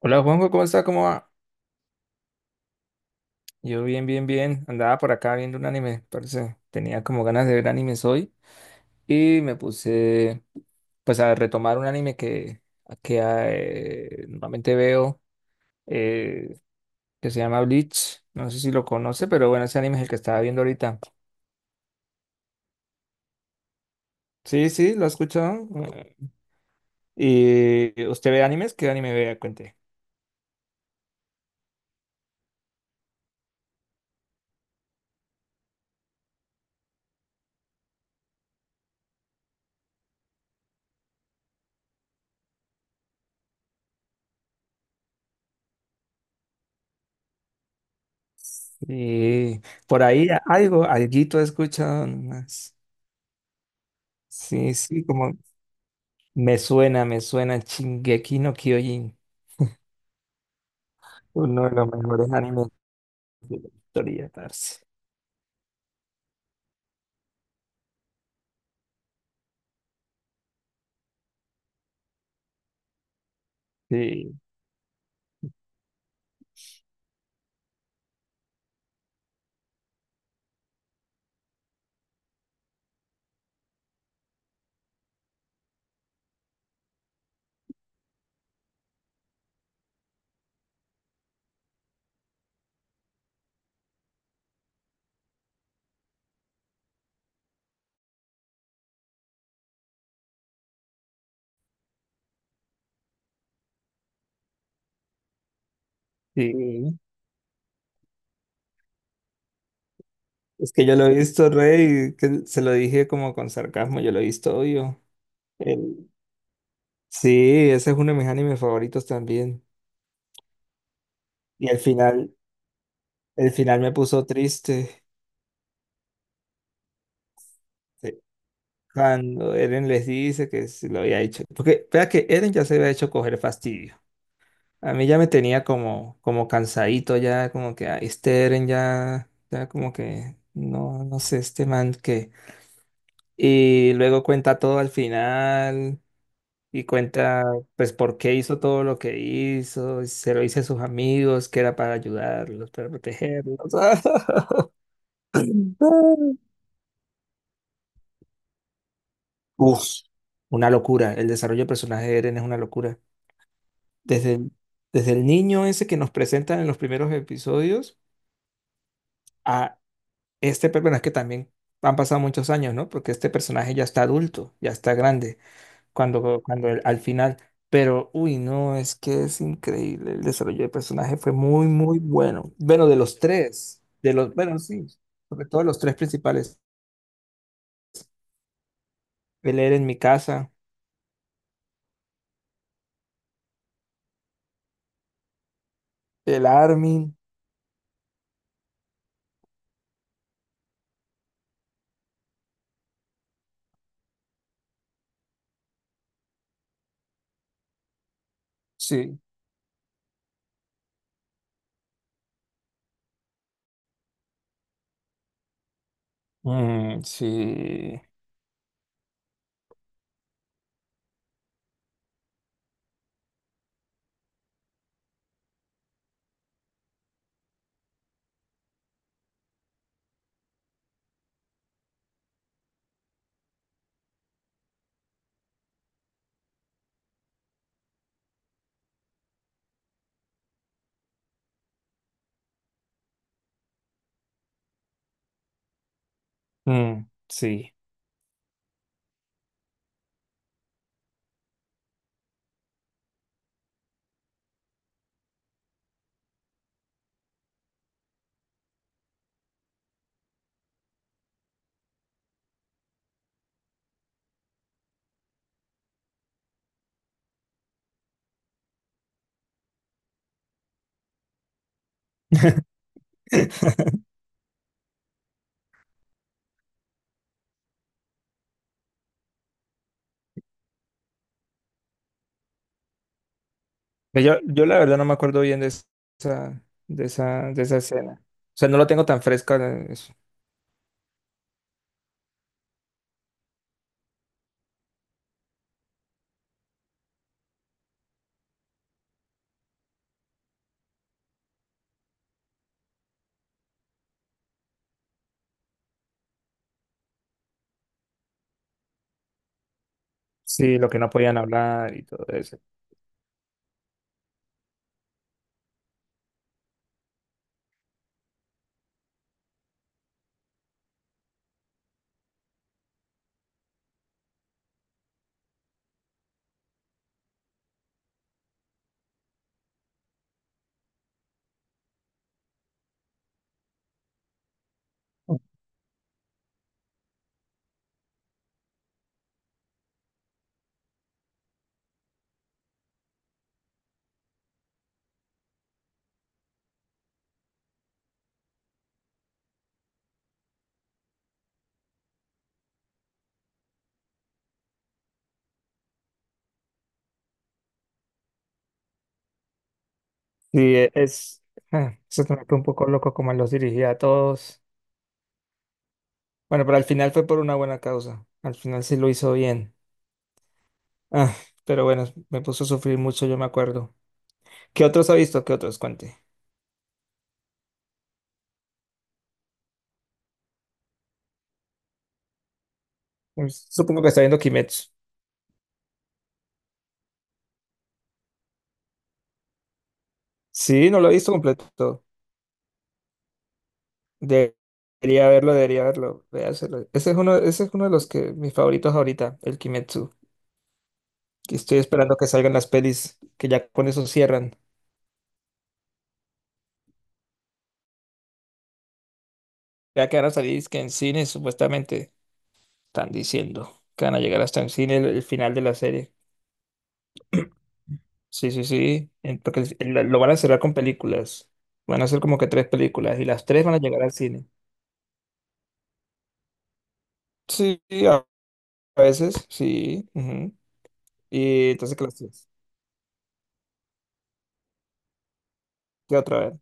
Hola Juanjo, ¿cómo está? ¿Cómo va? Yo bien, bien, bien. Andaba por acá viendo un anime, parece. Tenía como ganas de ver animes hoy y me puse pues a retomar un anime que normalmente veo eh, que se llama Bleach. No sé si lo conoce, pero bueno, ese anime es el que estaba viendo ahorita. Sí, sí, lo he escuchado. Eh, ¿Y usted ve animes? ¿Qué anime ve? Cuente. Y por ahí algo, alguito he escuchado, nomás. Sí, sí, como me suena, me suena Shingeki no Kyojin. Uno de los mejores animes de la historia, parce. Sí, sí. Es que yo lo he visto, Rey, que se lo dije como con sarcasmo, yo lo he visto, obvio. El- Sí, ese es uno de mis animes favoritos también. Y al final, el final me puso triste, sí, cuando Eren les dice que se lo había hecho. Porque, vea que Eren ya se había hecho coger fastidio. A mí ya me tenía como, como cansadito, ya como que "Ay, este Eren ya, ya como que no, no sé, este man que". Y luego cuenta todo al final y cuenta pues por qué hizo todo lo que hizo, y se lo dice a sus amigos que era para ayudarlos, para protegerlos. Uf, una locura, el desarrollo del personaje de Eren es una locura. Desde el, desde el niño ese que nos presentan en los primeros episodios a este, bueno, es que también han pasado muchos años, ¿no? Porque este personaje ya está adulto, ya está grande, al final. Pero, uy, no, es que es increíble. El desarrollo del personaje fue muy, muy bueno. Bueno, de los tres, de los, bueno, sí, sobre todo los tres principales. El Eren en mi casa, el Armin, sí. Mm, sí. Mm, sí. Pues yo, la verdad no me acuerdo bien de esa escena. O sea, no lo tengo tan fresca. Sí, lo que no podían hablar y todo eso. Sí, es, eso también fue un poco loco como los dirigía a todos. Bueno, pero al final fue por una buena causa. Al final sí lo hizo bien. Ah, pero bueno, me puso a sufrir mucho, yo me acuerdo. ¿Qué otros ha visto? ¿Qué otros? Cuente. Pues, supongo que está viendo Kimetsu. Sí, no lo he visto completo. De- Debería verlo, debería verlo. Véaselo. Ese es uno de los que mis favoritos ahorita, el Kimetsu. Que estoy esperando que salgan las pelis, que ya con eso cierran. Ya que van a salir es que en cine, supuestamente, están diciendo que van a llegar hasta en cine el final de la serie. Sí, sí, sí. Porque lo van a cerrar con películas. Van a hacer como que tres películas y las tres van a llegar al cine. Sí, a a veces, sí, ujú. Y entonces, ¿qué las tres? ¿Qué otra vez?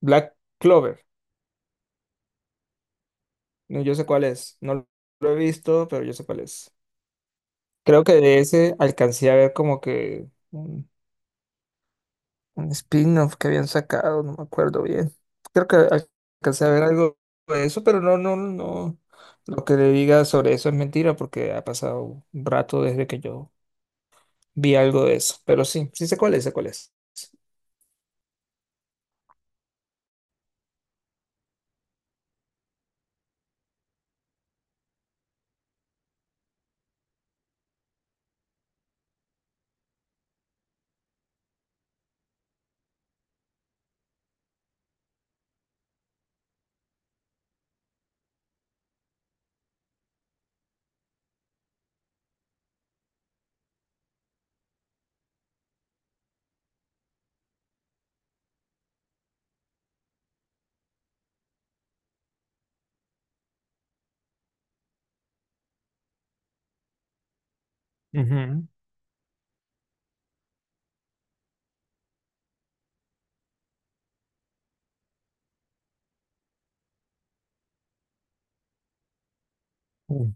Black Clover. No, yo sé cuál es. No lo he visto, pero yo sé cuál es. Creo que de ese alcancé a ver como que un spin-off que habían sacado, no me acuerdo bien. Creo que al- Alcancé a ver algo de eso, pero no, no, no. Lo que le diga sobre eso es mentira porque ha pasado un rato desde que yo vi algo de eso. Pero sí, sí sé cuál es, sé cuál es. Ujú. Mm.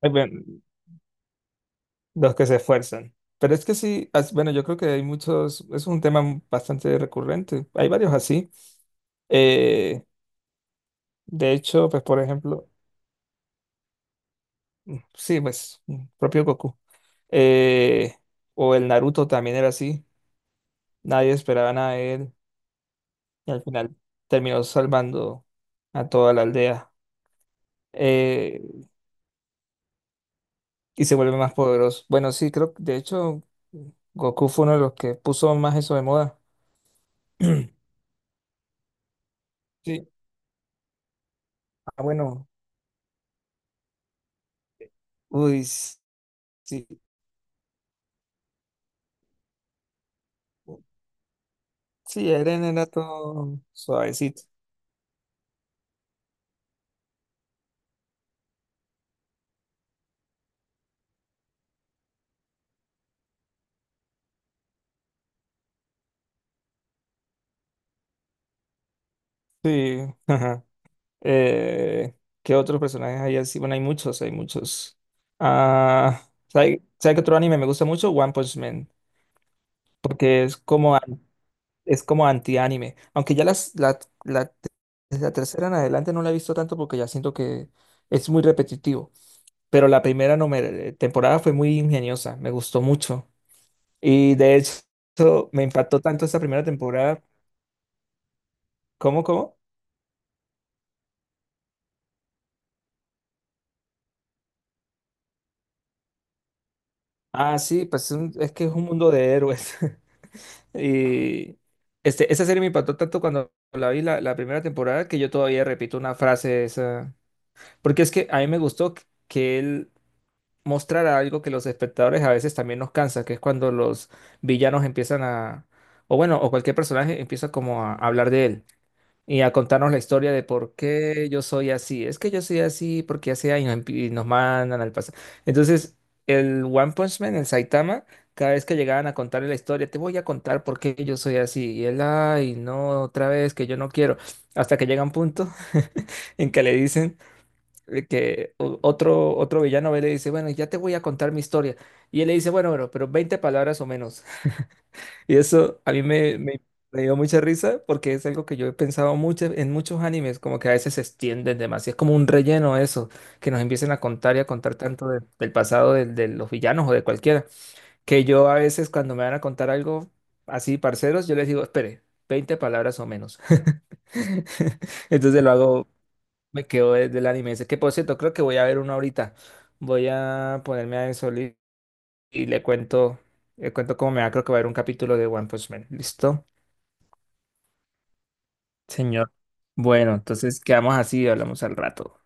Bueno, los que se esfuerzan. Pero es que sí, bueno, yo creo que hay muchos, es un tema bastante recurrente. Hay varios así. Eh, de hecho, pues por ejemplo, sí, pues, mm, propio Goku. Eh, o el Naruto también era así. Nadie esperaba nada de él. Y al final terminó salvando a toda la aldea. eh, y se vuelve más poderoso. Bueno, sí, creo que de hecho Goku fue uno de los que puso más eso de moda. Sí. Ah, bueno. Uy, sí. Sí, Eren era todo suavecito. Sí. Eh, ¿qué otros personajes hay así? Bueno, hay muchos, hay muchos. Ah, ¿sabe, sabe qué otro anime me gusta mucho? One Punch Man, porque es como, es como anti-anime. Aunque ya la, desde la tercera en adelante no la he visto tanto porque ya siento que es muy repetitivo. Pero la primera no me- temporada fue muy ingeniosa, me gustó mucho. Y de hecho, me impactó tanto esta primera temporada. ¿Cómo, cómo? Ah, sí, pues es es que es un mundo de héroes. Y este, esa serie me impactó tanto cuando la vi la primera temporada que yo todavía repito una frase de esa. Porque es que a mí me gustó que él mostrara algo que los espectadores a veces también nos cansa, que es cuando los villanos empiezan a, o bueno, o cualquier personaje empieza como a hablar de él y a contarnos la historia de por qué yo soy así. Es que yo soy así porque así hay y nos, y nos mandan al pasado. Entonces, el One Punch Man, el Saitama, cada vez que llegaban a contarle la historia, te voy a contar por qué yo soy así. Y él, ay, no, otra vez, que yo no quiero. Hasta que llega un punto en que le dicen que otro, otro villano ve y le dice, bueno, ya te voy a contar mi historia. Y él le dice, bueno, pero 20 palabras o menos. Y eso a mí me dio mucha risa porque es algo que yo he pensado mucho en muchos animes, como que a veces se extienden demasiado. Es como un relleno eso, que nos empiecen a contar y a contar tanto del pasado de los villanos o de cualquiera, que yo a veces cuando me van a contar algo así, parceros, yo les digo, espere, 20 palabras o menos. Entonces lo hago, me quedo desde el anime ese, que por cierto, creo que voy a ver uno ahorita. Voy a ponerme a eso y le cuento cómo me va, creo que va a haber un capítulo de One Punch Man. ¿Listo? Señor. Bueno, entonces quedamos así y hablamos al rato.